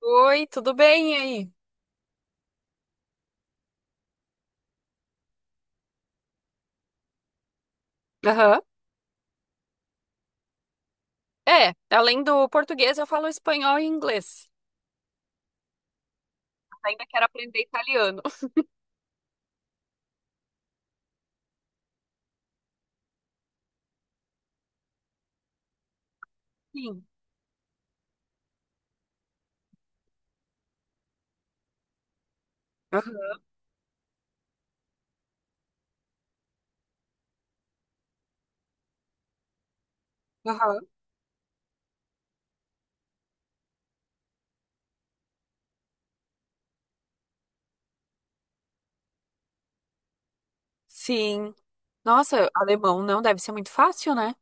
Oi, tudo bem e aí? Aham. É, além do português, eu falo espanhol e inglês. Mas ainda quero aprender italiano. Sim. Aham. Aham. Sim. Nossa, alemão não deve ser muito fácil, né?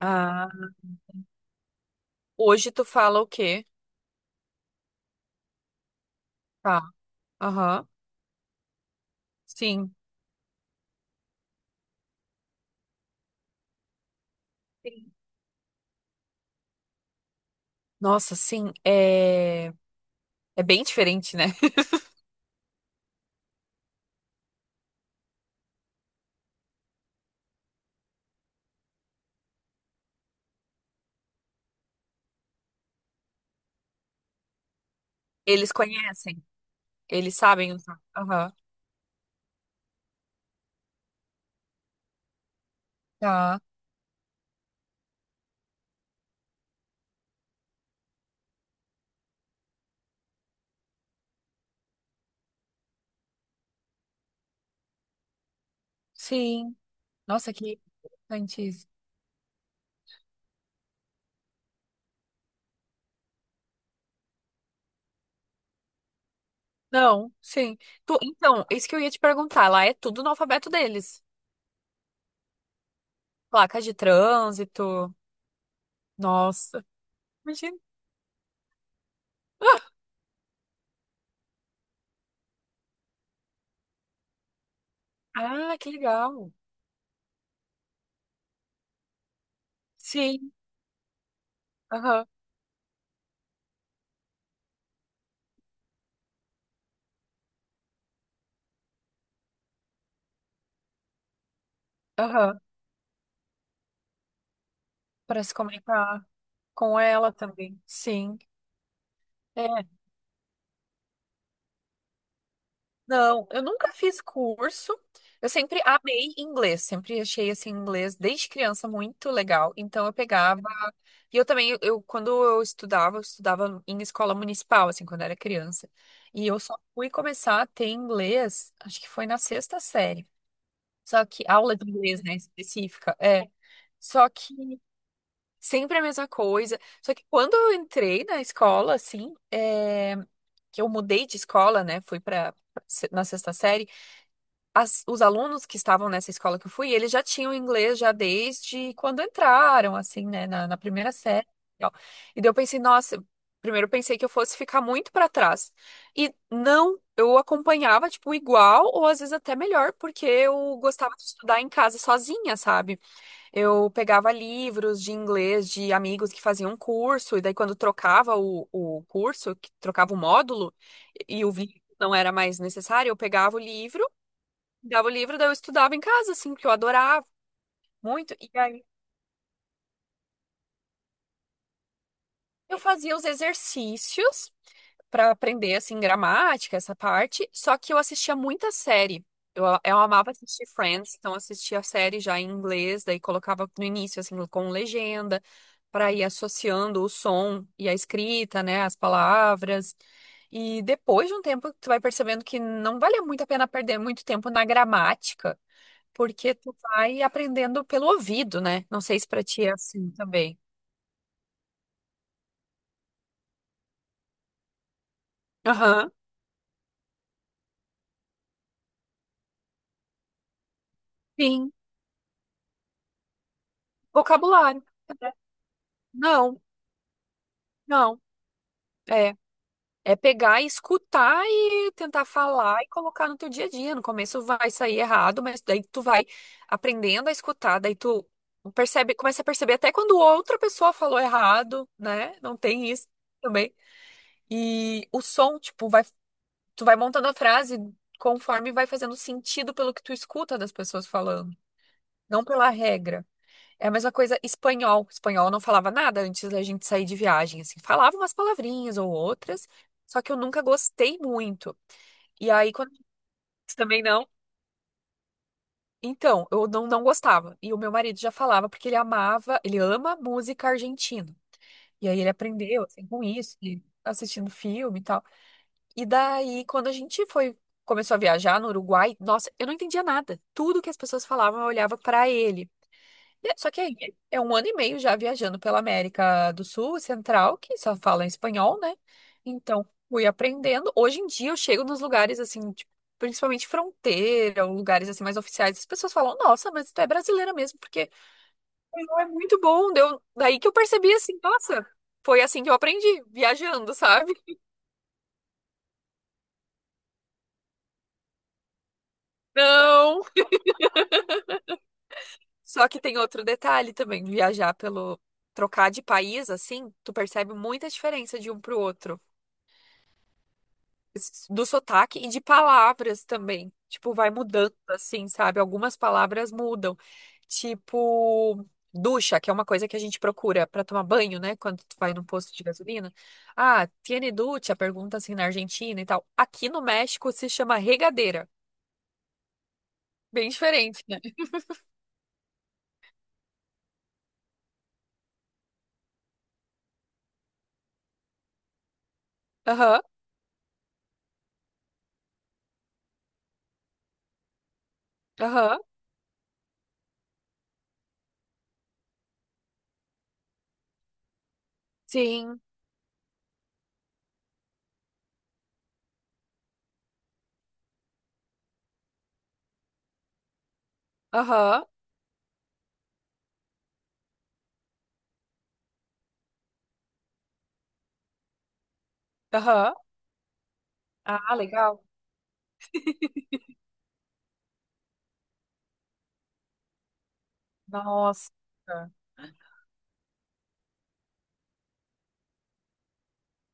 Ah. Hoje tu fala o quê? Tá. Aham. Sim. Sim. Nossa, sim. É bem diferente, né? Eles conhecem. Eles sabem usar. Aham. Tá. Sim. Nossa, que importante. Não, sim. Então, isso que eu ia te perguntar. Lá é tudo no alfabeto deles. Placa de trânsito. Nossa. Imagina. Ah, que legal. Sim. Aham. Aham. Para se comunicar com ela também. Sim. É. Não, eu nunca fiz curso. Eu sempre amei inglês, sempre achei assim inglês desde criança muito legal. Então eu pegava, e eu também, eu, quando eu estudava em escola municipal assim quando era criança. E eu só fui começar a ter inglês, acho que foi na sexta série. Só que aula de inglês, né, específica, é. Só que sempre a mesma coisa. Só que quando eu entrei na escola, assim, é, que eu mudei de escola, né, fui para na sexta série, os alunos que estavam nessa escola que eu fui, eles já tinham inglês já desde quando entraram, assim, né, na primeira série. E tal. E daí eu pensei, nossa, primeiro eu pensei que eu fosse ficar muito para trás. E não, eu acompanhava, tipo, igual ou às vezes até melhor, porque eu gostava de estudar em casa sozinha, sabe? Eu pegava livros de inglês de amigos que faziam curso, e daí quando trocava o curso, que trocava o módulo, e o vídeo não era mais necessário, eu pegava o livro. Dava o livro, daí eu estudava em casa, assim, porque eu adorava muito. E aí eu fazia os exercícios pra aprender, assim, gramática, essa parte. Só que eu assistia muita série. Eu amava assistir Friends, então assistia a série já em inglês, daí colocava no início, assim, com legenda, pra ir associando o som e a escrita, né, as palavras. E depois de um tempo, tu vai percebendo que não vale muito a pena perder muito tempo na gramática. Porque tu vai aprendendo pelo ouvido, né? Não sei se pra ti é assim também. Aham. Sim. Vocabulário. É. Não, não. É. É pegar e escutar e tentar falar e colocar no teu dia a dia. No começo vai sair errado, mas daí tu vai aprendendo a escutar, daí tu percebe, começa a perceber até quando outra pessoa falou errado, né? Não tem isso também. E o som, tipo, vai, tu vai montando a frase conforme vai fazendo sentido pelo que tu escuta das pessoas falando. Não pela regra. É a mesma coisa espanhol. Espanhol eu não falava nada antes da gente sair de viagem, assim, falava umas palavrinhas ou outras, só que eu nunca gostei muito. E aí quando também não, então, eu não gostava. E o meu marido já falava porque ele amava, ele ama música argentina. E aí ele aprendeu assim com isso, e assistindo filme e tal. E daí quando a gente foi começou a viajar no Uruguai, nossa, eu não entendia nada. Tudo que as pessoas falavam, eu olhava pra ele. É, só que aí é um ano e meio já viajando pela América do Sul e Central, que só fala espanhol, né? Então, fui aprendendo. Hoje em dia eu chego nos lugares assim, tipo, principalmente fronteira, ou lugares assim mais oficiais, as pessoas falam: "Nossa, mas tu é brasileira mesmo, porque o espanhol é muito bom". Deu daí que eu percebi assim, nossa, foi assim que eu aprendi, viajando, sabe? Não. Só que tem outro detalhe também, viajar pelo trocar de país assim, tu percebe muita diferença de um pro outro. Do sotaque e de palavras também. Tipo, vai mudando, assim, sabe? Algumas palavras mudam. Tipo, ducha, que é uma coisa que a gente procura pra tomar banho, né? Quando tu vai num posto de gasolina. Ah, tiene ducha? Pergunta assim na Argentina e tal. Aqui no México se chama regadeira. Bem diferente, né? Aham, aham, sim, aham, aham. Ah, legal. Nossa,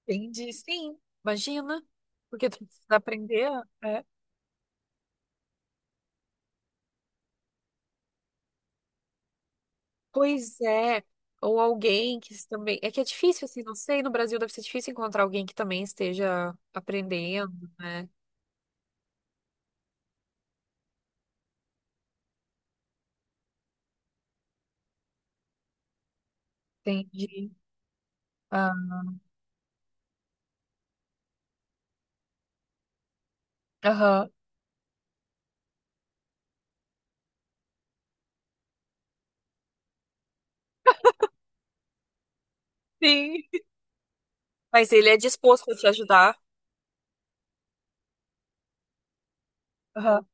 entendi, sim. Imagina, porque tu precisa aprender. É. Pois é, ou alguém que também. É que é difícil, assim, não sei, no Brasil deve ser difícil encontrar alguém que também esteja aprendendo, né? Entendi. Ah, aham. Sim. Mas ele é disposto a te ajudar. Aham.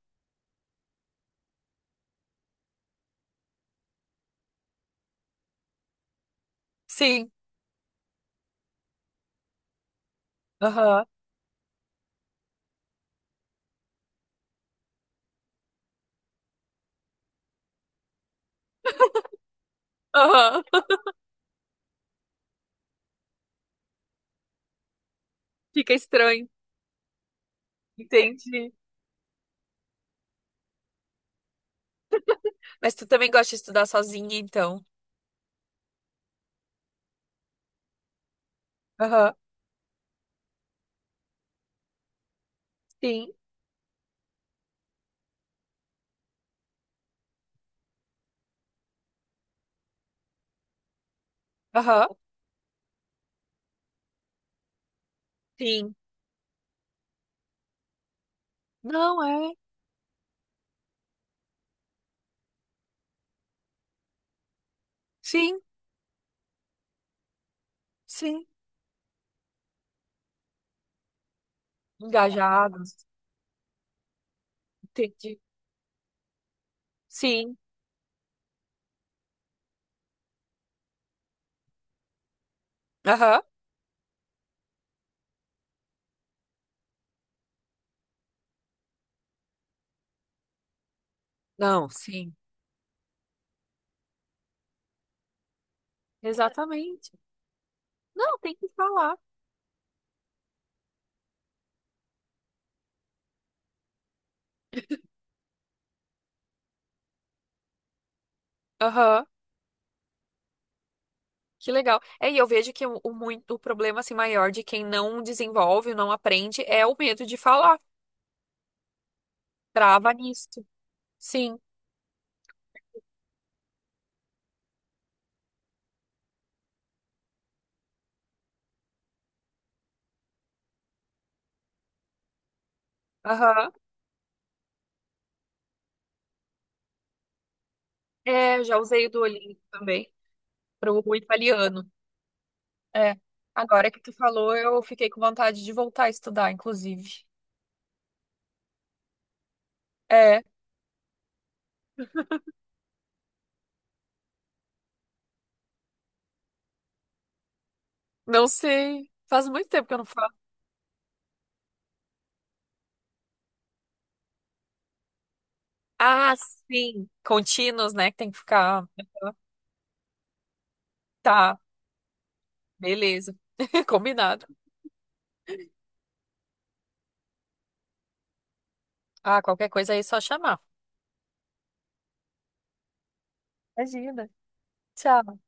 Sim. Aham. Aham. Fica estranho. Entendi. Mas tu também gosta de estudar sozinha, então? Aham. Sim. Aham. Sim. Não é? Sim, sim. Engajados. Entendi. Sim. Aham. Não, sim. Exatamente. Não, tem que falar. Aham, que legal. É, e eu vejo que o problema, assim, maior de quem não desenvolve, não aprende, é o medo de falar. Trava nisso. Sim, aham. É, eu já usei o Duolingo também, para o italiano. É. Agora que tu falou, eu fiquei com vontade de voltar a estudar, inclusive. É, não sei. Faz muito tempo que eu não falo. Ah, sim. Contínuos, né? Que tem que ficar. Tá, beleza. Combinado. Ah, qualquer coisa aí é só chamar. Imagina. Tchau.